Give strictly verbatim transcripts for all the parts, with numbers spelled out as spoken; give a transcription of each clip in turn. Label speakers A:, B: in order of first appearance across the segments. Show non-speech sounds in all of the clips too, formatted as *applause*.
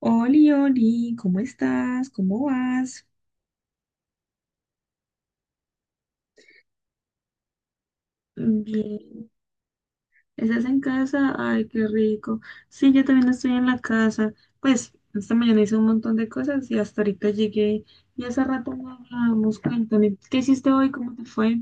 A: Oli, Oli, ¿cómo estás? ¿Cómo vas? Bien, ¿estás en casa? Ay, qué rico. Sí, yo también estoy en la casa. Pues esta mañana hice un montón de cosas y hasta ahorita llegué y hace rato no hablábamos. Cuéntame, ¿qué hiciste hoy? ¿Cómo te fue?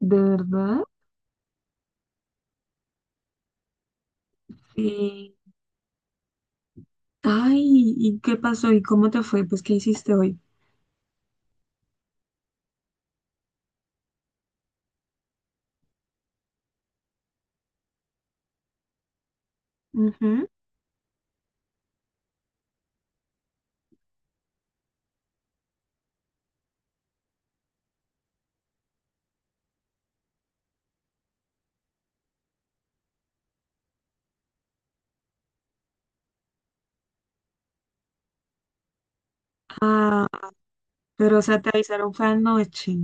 A: ¿De verdad? Sí. Ay, ¿y qué pasó? ¿Y cómo te fue? Pues, ¿qué hiciste hoy? Ujú. Ah, pero o sea, te avisaron fue anoche.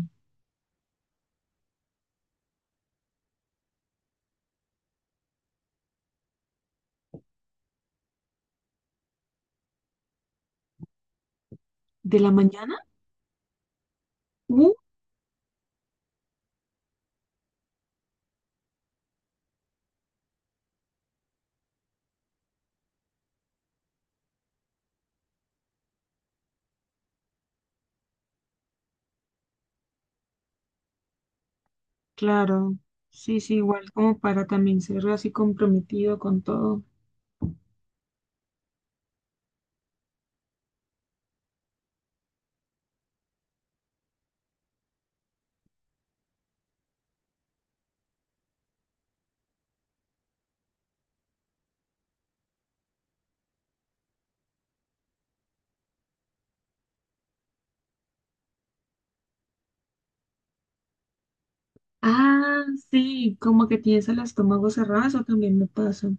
A: ¿De la mañana? Claro, sí, sí, igual como para también ser así comprometido con todo. Ah, sí, como que tienes el estómago cerrado, eso también me pasa.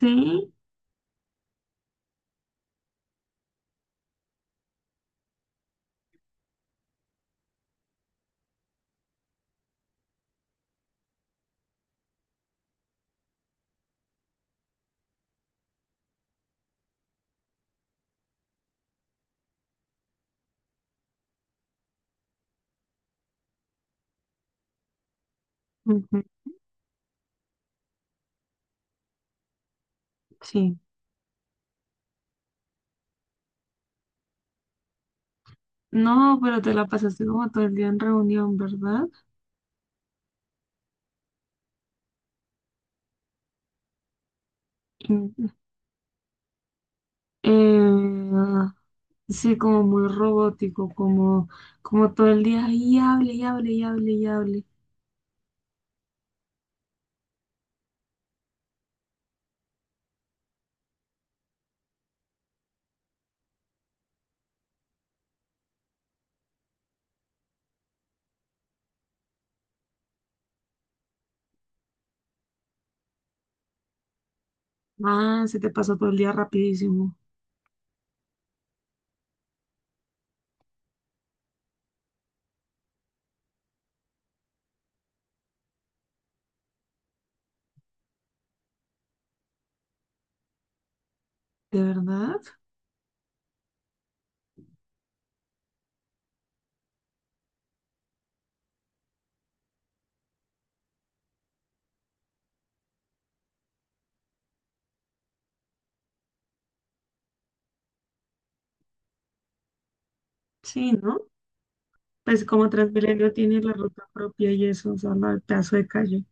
A: Sí, ujú, sí. No, pero te la pasaste como todo el día en reunión, ¿verdad? Mm, eh, sí, como muy robótico, como, como todo el día y hable, y hable, y hable, y hable. Ah, se te pasó todo el día rapidísimo, ¿de verdad? Sí, ¿no? Pues como Transmilenio tiene la ruta propia y eso, o sea, la pedazo de calle.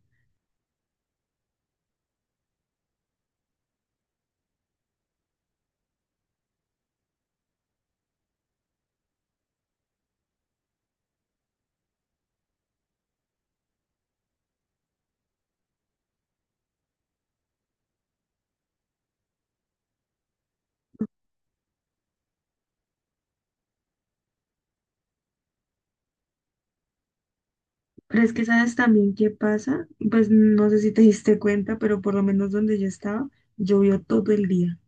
A: Pero es que sabes también qué pasa, pues no sé si te diste cuenta, pero por lo menos donde yo estaba, llovió todo el día,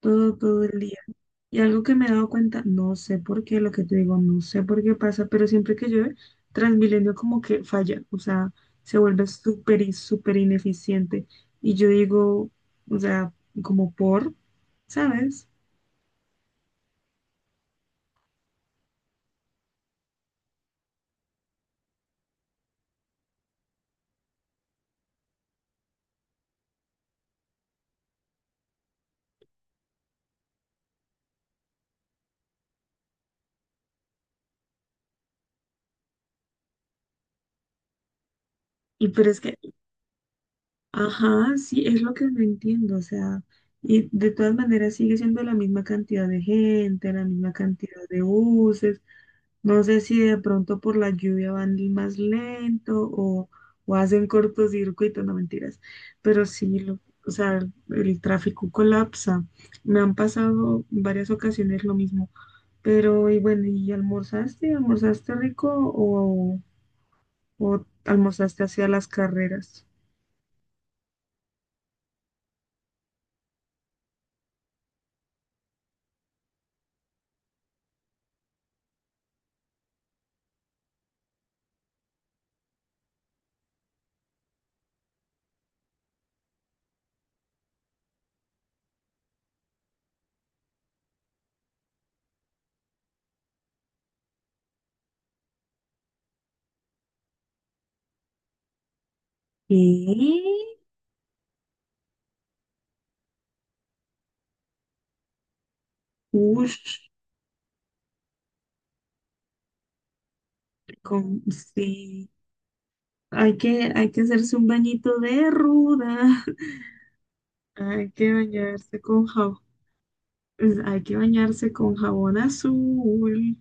A: todo, todo el día. Y algo que me he dado cuenta, no sé por qué, lo que te digo, no sé por qué pasa, pero siempre que llueve, Transmilenio como que falla, o sea, se vuelve súper, y súper ineficiente. Y yo digo, o sea, como por, ¿sabes? Y pero es que ajá, sí, es lo que no entiendo, o sea, y de todas maneras sigue siendo la misma cantidad de gente, la misma cantidad de buses, no sé si de pronto por la lluvia van más lento o, o hacen cortocircuito, no mentiras, pero sí, lo, o sea, el tráfico colapsa, me han pasado en varias ocasiones lo mismo, pero y bueno, ¿y almorzaste? ¿Almorzaste rico o, o almorzaste hacia las carreras? ¿Qué? Uy, con, sí, hay que, hay que hacerse un bañito de ruda, *laughs* hay que bañarse con jabón, pues, hay que bañarse con jabón azul.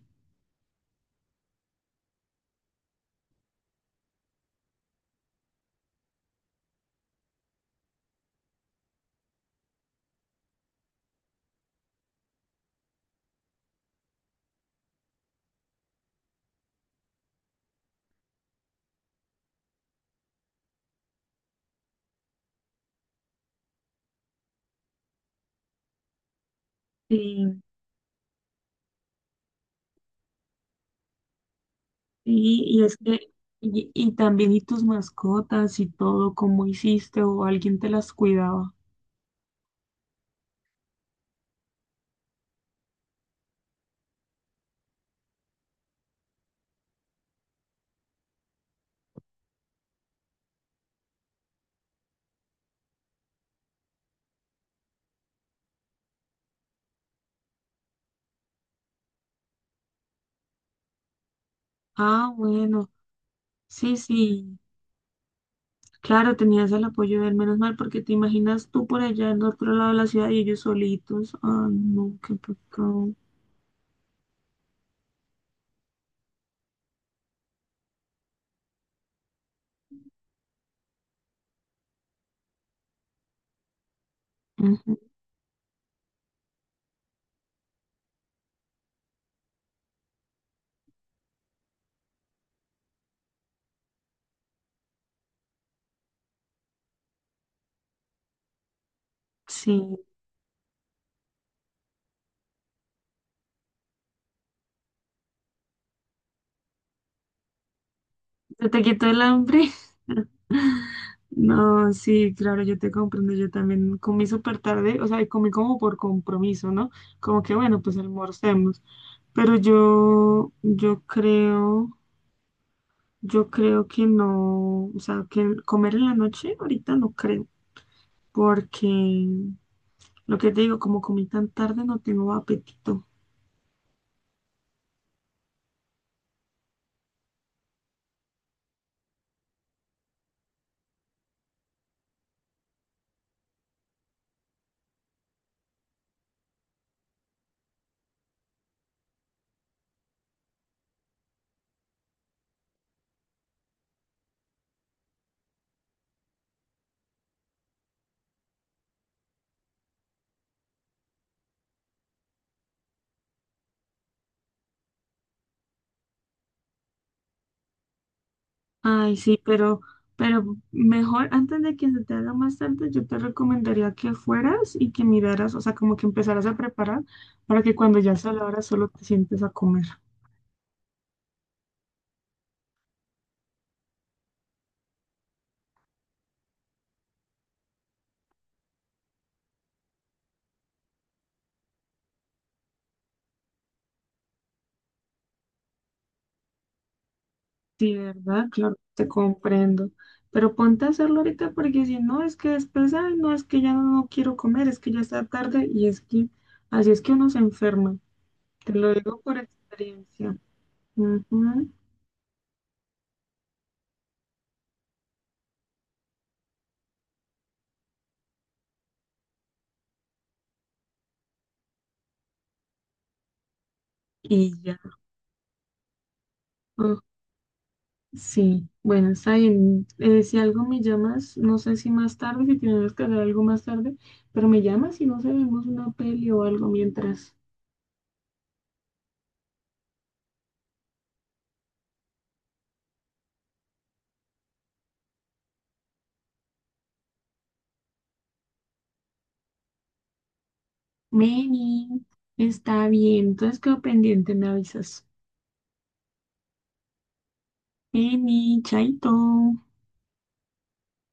A: Sí, sí, y es que, y, y también y tus mascotas y todo, cómo hiciste o alguien te las cuidaba. Ah, bueno, sí, sí, claro, tenías el apoyo de él, menos mal, porque te imaginas tú por allá en otro lado de la ciudad y ellos solitos. Ah, no, qué pecado. Ujú, sí. ¿Se te quitó el hambre? No, sí, claro, yo te comprendo. Yo también comí súper tarde, o sea, comí como por compromiso, ¿no? Como que bueno, pues almorcemos. Pero yo, yo creo, yo creo que no, o sea, que comer en la noche ahorita no creo, porque lo que te digo, como comí tan tarde, no tengo apetito. Ay, sí, pero, pero mejor antes de que se te haga más tarde, yo te recomendaría que fueras y que miraras, o sea, como que empezaras a preparar para que cuando ya sea la hora solo te sientes a comer. Sí, ¿verdad? Claro, te comprendo. Pero ponte a hacerlo ahorita porque si no, es que después, ay, no, es que ya no quiero comer, es que ya está tarde y es que así es que uno se enferma. Te lo digo por experiencia. Ujú. Y ya. Sí, bueno, está bien. Eh, si algo me llamas, no sé si más tarde, si tienes que hacer algo más tarde, pero me llamas y no sé, vemos una peli o algo mientras. Meni, está bien, entonces quedo pendiente, me avisas. Meni, chaito.